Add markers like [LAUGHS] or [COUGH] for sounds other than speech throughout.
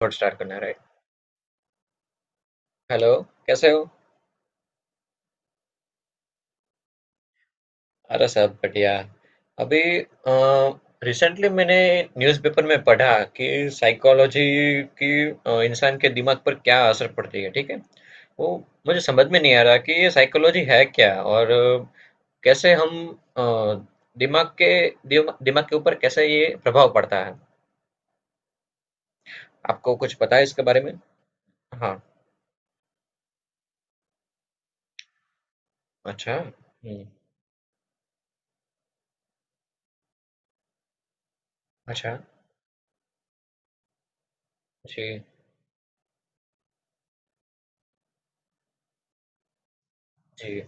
Record start करना है right. Hello. कैसे हो? अरे सब बढ़िया। अभी रिसेंटली मैंने न्यूज़पेपर में पढ़ा कि साइकोलॉजी की इंसान के दिमाग पर क्या असर पड़ती है, ठीक है? वो मुझे समझ में नहीं आ रहा कि ये साइकोलॉजी है क्या, और कैसे हम अ, दिमाग के दिमाग के ऊपर कैसे ये प्रभाव पड़ता है? आपको कुछ पता है इसके बारे में? हाँ। अच्छा। हम्म। अच्छा। जी, जी,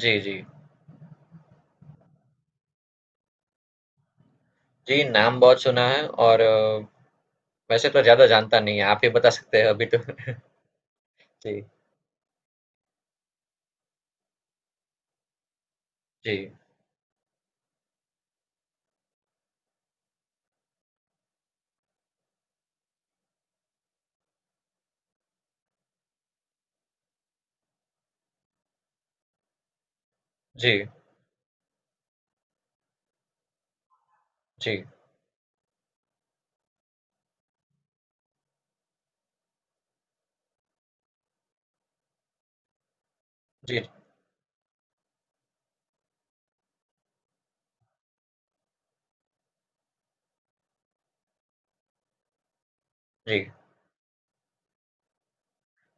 जी, जी, जी। जी, नाम बहुत सुना है, और वैसे तो ज़्यादा जानता नहीं है, आप ही बता सकते हैं अभी तो। [LAUGHS] जी, जी, जी, जी, जी, जी।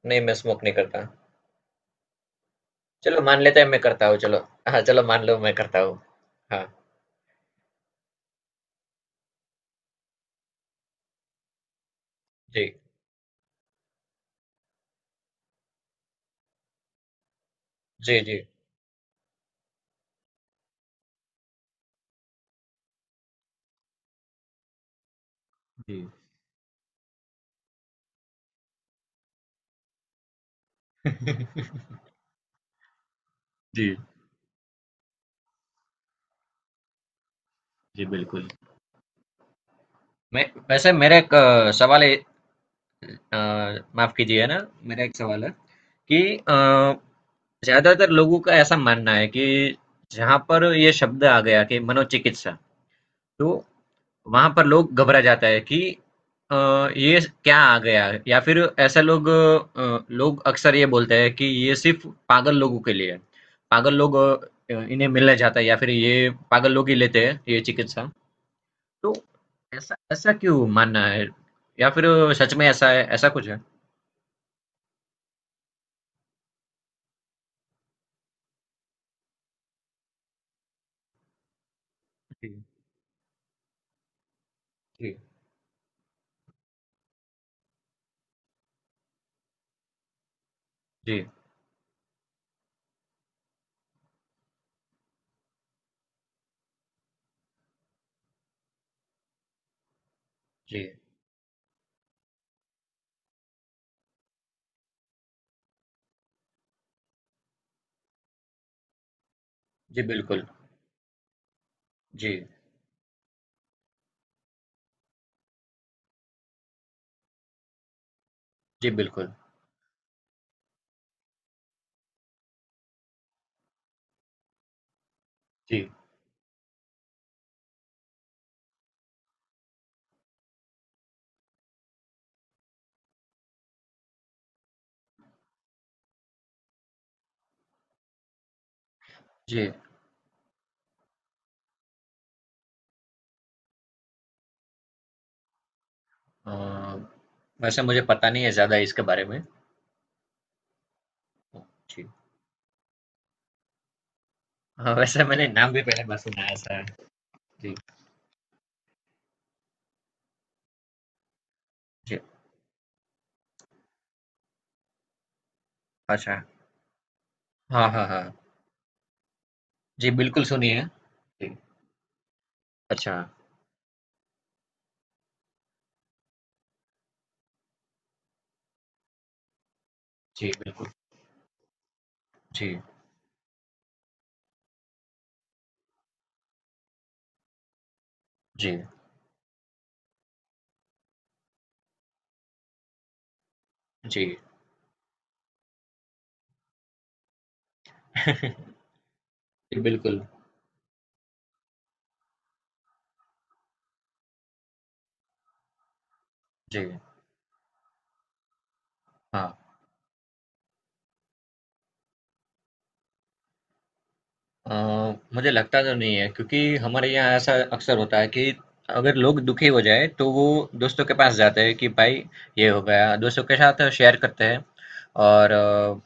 नहीं, मैं स्मोक नहीं करता। चलो मान लेते हैं मैं करता हूँ। चलो, हाँ चलो मान लो मैं करता हूँ। हाँ। जी, जी, जी, जी, जी, जी, बिल्कुल। मैं वैसे मेरा एक सवाल है। अ, माफ कीजिए ना, मेरा एक सवाल है कि अ, ज्यादातर लोगों का ऐसा मानना है कि जहां पर ये शब्द आ गया कि मनोचिकित्सा, तो वहाँ पर लोग घबरा जाता है कि अ, ये क्या आ गया? या फिर ऐसा लोग अक्सर ये बोलते हैं कि ये सिर्फ पागल लोगों के लिए है। पागल लोग इन्हें मिलने जाता है या फिर ये पागल लोग ही लेते हैं ये चिकित्सा? तो ऐसा ऐसा क्यों मानना है, या फिर सच में ऐसा है, ऐसा कुछ है? जी, जी, जी, जी, जी, बिल्कुल। जी, जी, बिल्कुल। जी, जी। अ, वैसे मुझे पता नहीं है ज्यादा इसके बारे में। जी। हाँ, वैसे मैंने नाम भी पहली बार सुना है ऐसा। जी, जी, अच्छा। हाँ, हाँ, हाँ। जी, बिल्कुल सुनी है। जी, अच्छा। जी, बिल्कुल। जी, जी, जी। [LAUGHS] जी, बिल्कुल। जी, हाँ। अ, मुझे लगता तो नहीं है, क्योंकि हमारे यहाँ ऐसा अक्सर होता है कि अगर लोग दुखी हो जाए तो वो दोस्तों के पास जाते हैं कि भाई ये हो गया, दोस्तों के साथ शेयर करते हैं। और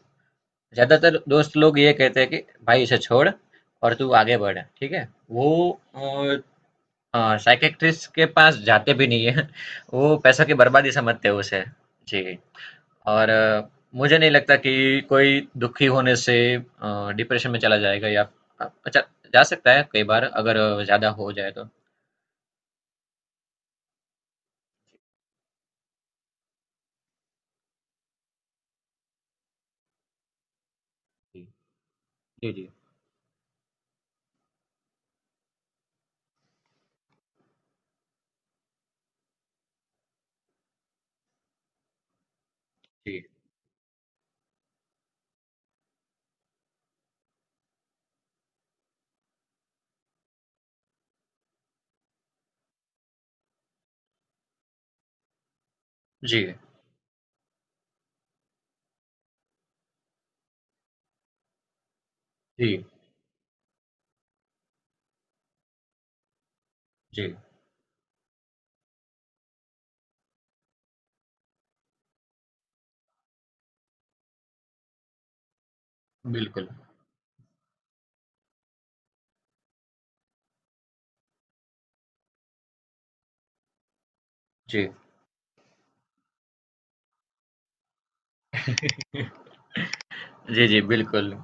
ज़्यादातर दोस्त लोग ये कहते हैं कि भाई इसे छोड़ और तू आगे बढ़, ठीक है? वो हाँ, साइकियाट्रिस्ट के पास जाते भी नहीं है। वो पैसों की बर्बादी समझते हैं उसे। जी। और मुझे नहीं लगता कि कोई दुखी होने से डिप्रेशन में चला जाएगा या, अच्छा, जा सकता है कई बार अगर ज्यादा हो जाए तो। जी, जी, जी, जी, जी, जी। जी, बिल्कुल। जी, जी, जी, बिल्कुल।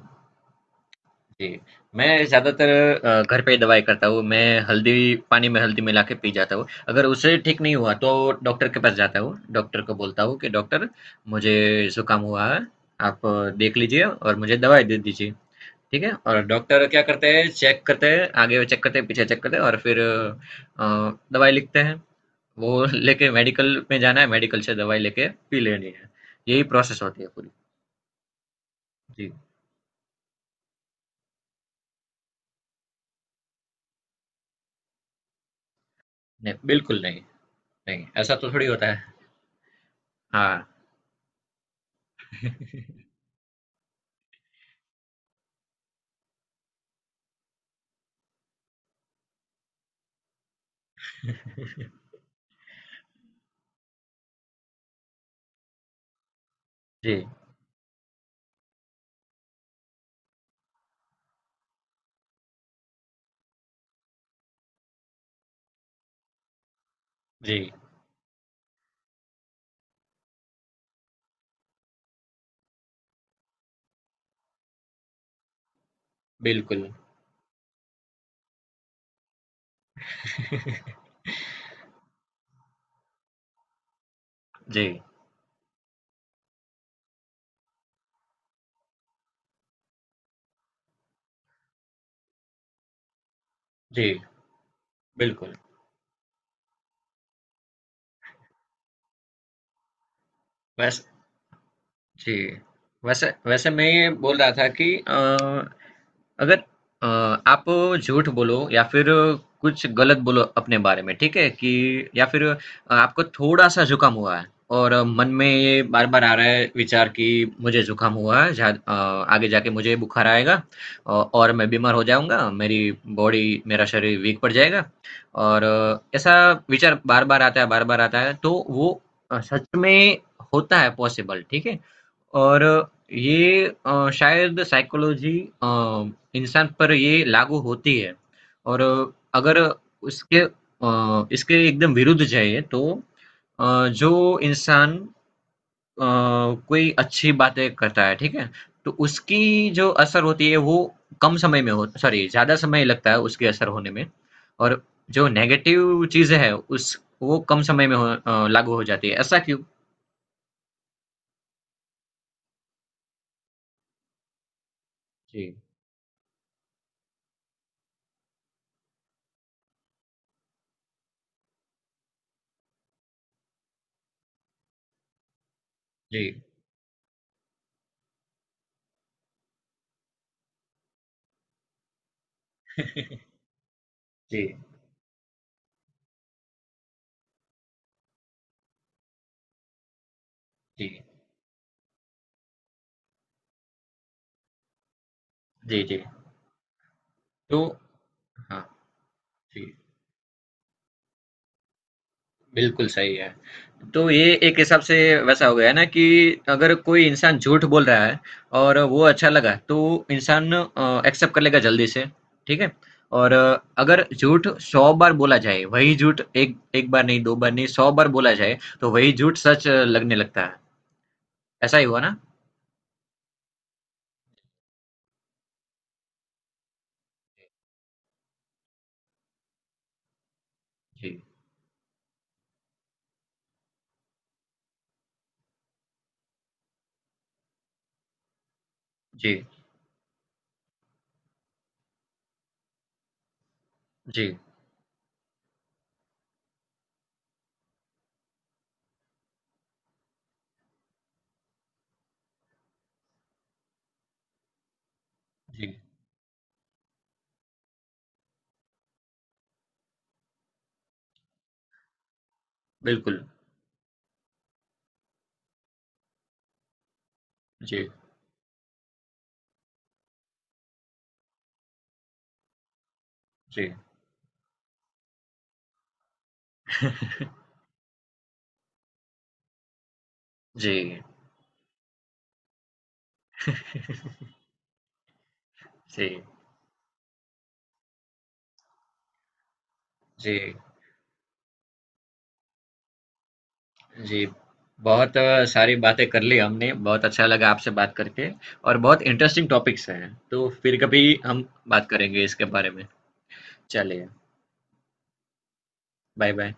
जी, मैं ज़्यादातर घर पे ही दवाई करता हूँ। मैं हल्दी पानी में हल्दी मिला के पी जाता हूँ। अगर उससे ठीक नहीं हुआ तो डॉक्टर के पास जाता हूँ। डॉक्टर को बोलता हूँ कि डॉक्टर मुझे ज़ुकाम हुआ है, आप देख लीजिए और मुझे दवाई दे दीजिए। ठीक है? और डॉक्टर क्या करते हैं, चेक करते हैं, आगे चेक करते हैं, पीछे चेक करते हैं और फिर दवाई लिखते हैं। वो [LAUGHS] लेके मेडिकल में जाना है, मेडिकल से दवाई लेके पी लेनी है। यही प्रोसेस होती है पूरी। जी, नहीं, बिल्कुल नहीं, नहीं, ऐसा तो थोड़ी होता है। हाँ, जी। जी, बिल्कुल। जी, जी, बिल्कुल। वैस जी, वैसे वैसे मैं ये बोल रहा था कि अगर अ, आप झूठ बोलो या फिर कुछ गलत बोलो अपने बारे में, ठीक है? कि या फिर आपको थोड़ा सा जुकाम हुआ है, और मन में ये बार बार आ रहा है विचार कि मुझे जुकाम हुआ है, आगे जाके मुझे बुखार आएगा, और मैं बीमार हो जाऊंगा, मेरी बॉडी मेरा शरीर वीक पड़ जाएगा। और ऐसा विचार बार बार आता है, बार बार आता है, तो वो सच में होता है, पॉसिबल, ठीक है? और ये शायद साइकोलॉजी अ, इंसान पर ये लागू होती है। और अगर इसके एकदम विरुद्ध जाइए तो जो इंसान अ, कोई अच्छी बातें करता है, ठीक है? तो उसकी जो असर होती है वो कम समय में हो, सॉरी, ज्यादा समय लगता है उसके असर होने में। और जो नेगेटिव चीजें हैं उस वो कम समय में लागू हो जाती है, ऐसा क्यों? जी, जी। [LAUGHS] जी, जी, जी, जी। तो हाँ, जी, बिल्कुल सही है। तो ये एक हिसाब से वैसा हो गया है ना कि अगर कोई इंसान झूठ बोल रहा है और वो अच्छा लगा तो इंसान एक्सेप्ट कर लेगा जल्दी से, ठीक है? और अगर झूठ 100 बार बोला जाए, वही झूठ एक एक बार नहीं, 2 बार नहीं, 100 बार बोला जाए तो वही झूठ सच लगने लगता है। ऐसा ही हुआ ना? जी, जी, जी, जी, बिल्कुल। जी, जी, जी, जी, जी। जी, बहुत सारी बातें कर ली हमने, बहुत अच्छा लगा आपसे बात करके, और बहुत इंटरेस्टिंग टॉपिक्स हैं, तो फिर कभी हम बात करेंगे इसके बारे में। चलिए, बाय बाय।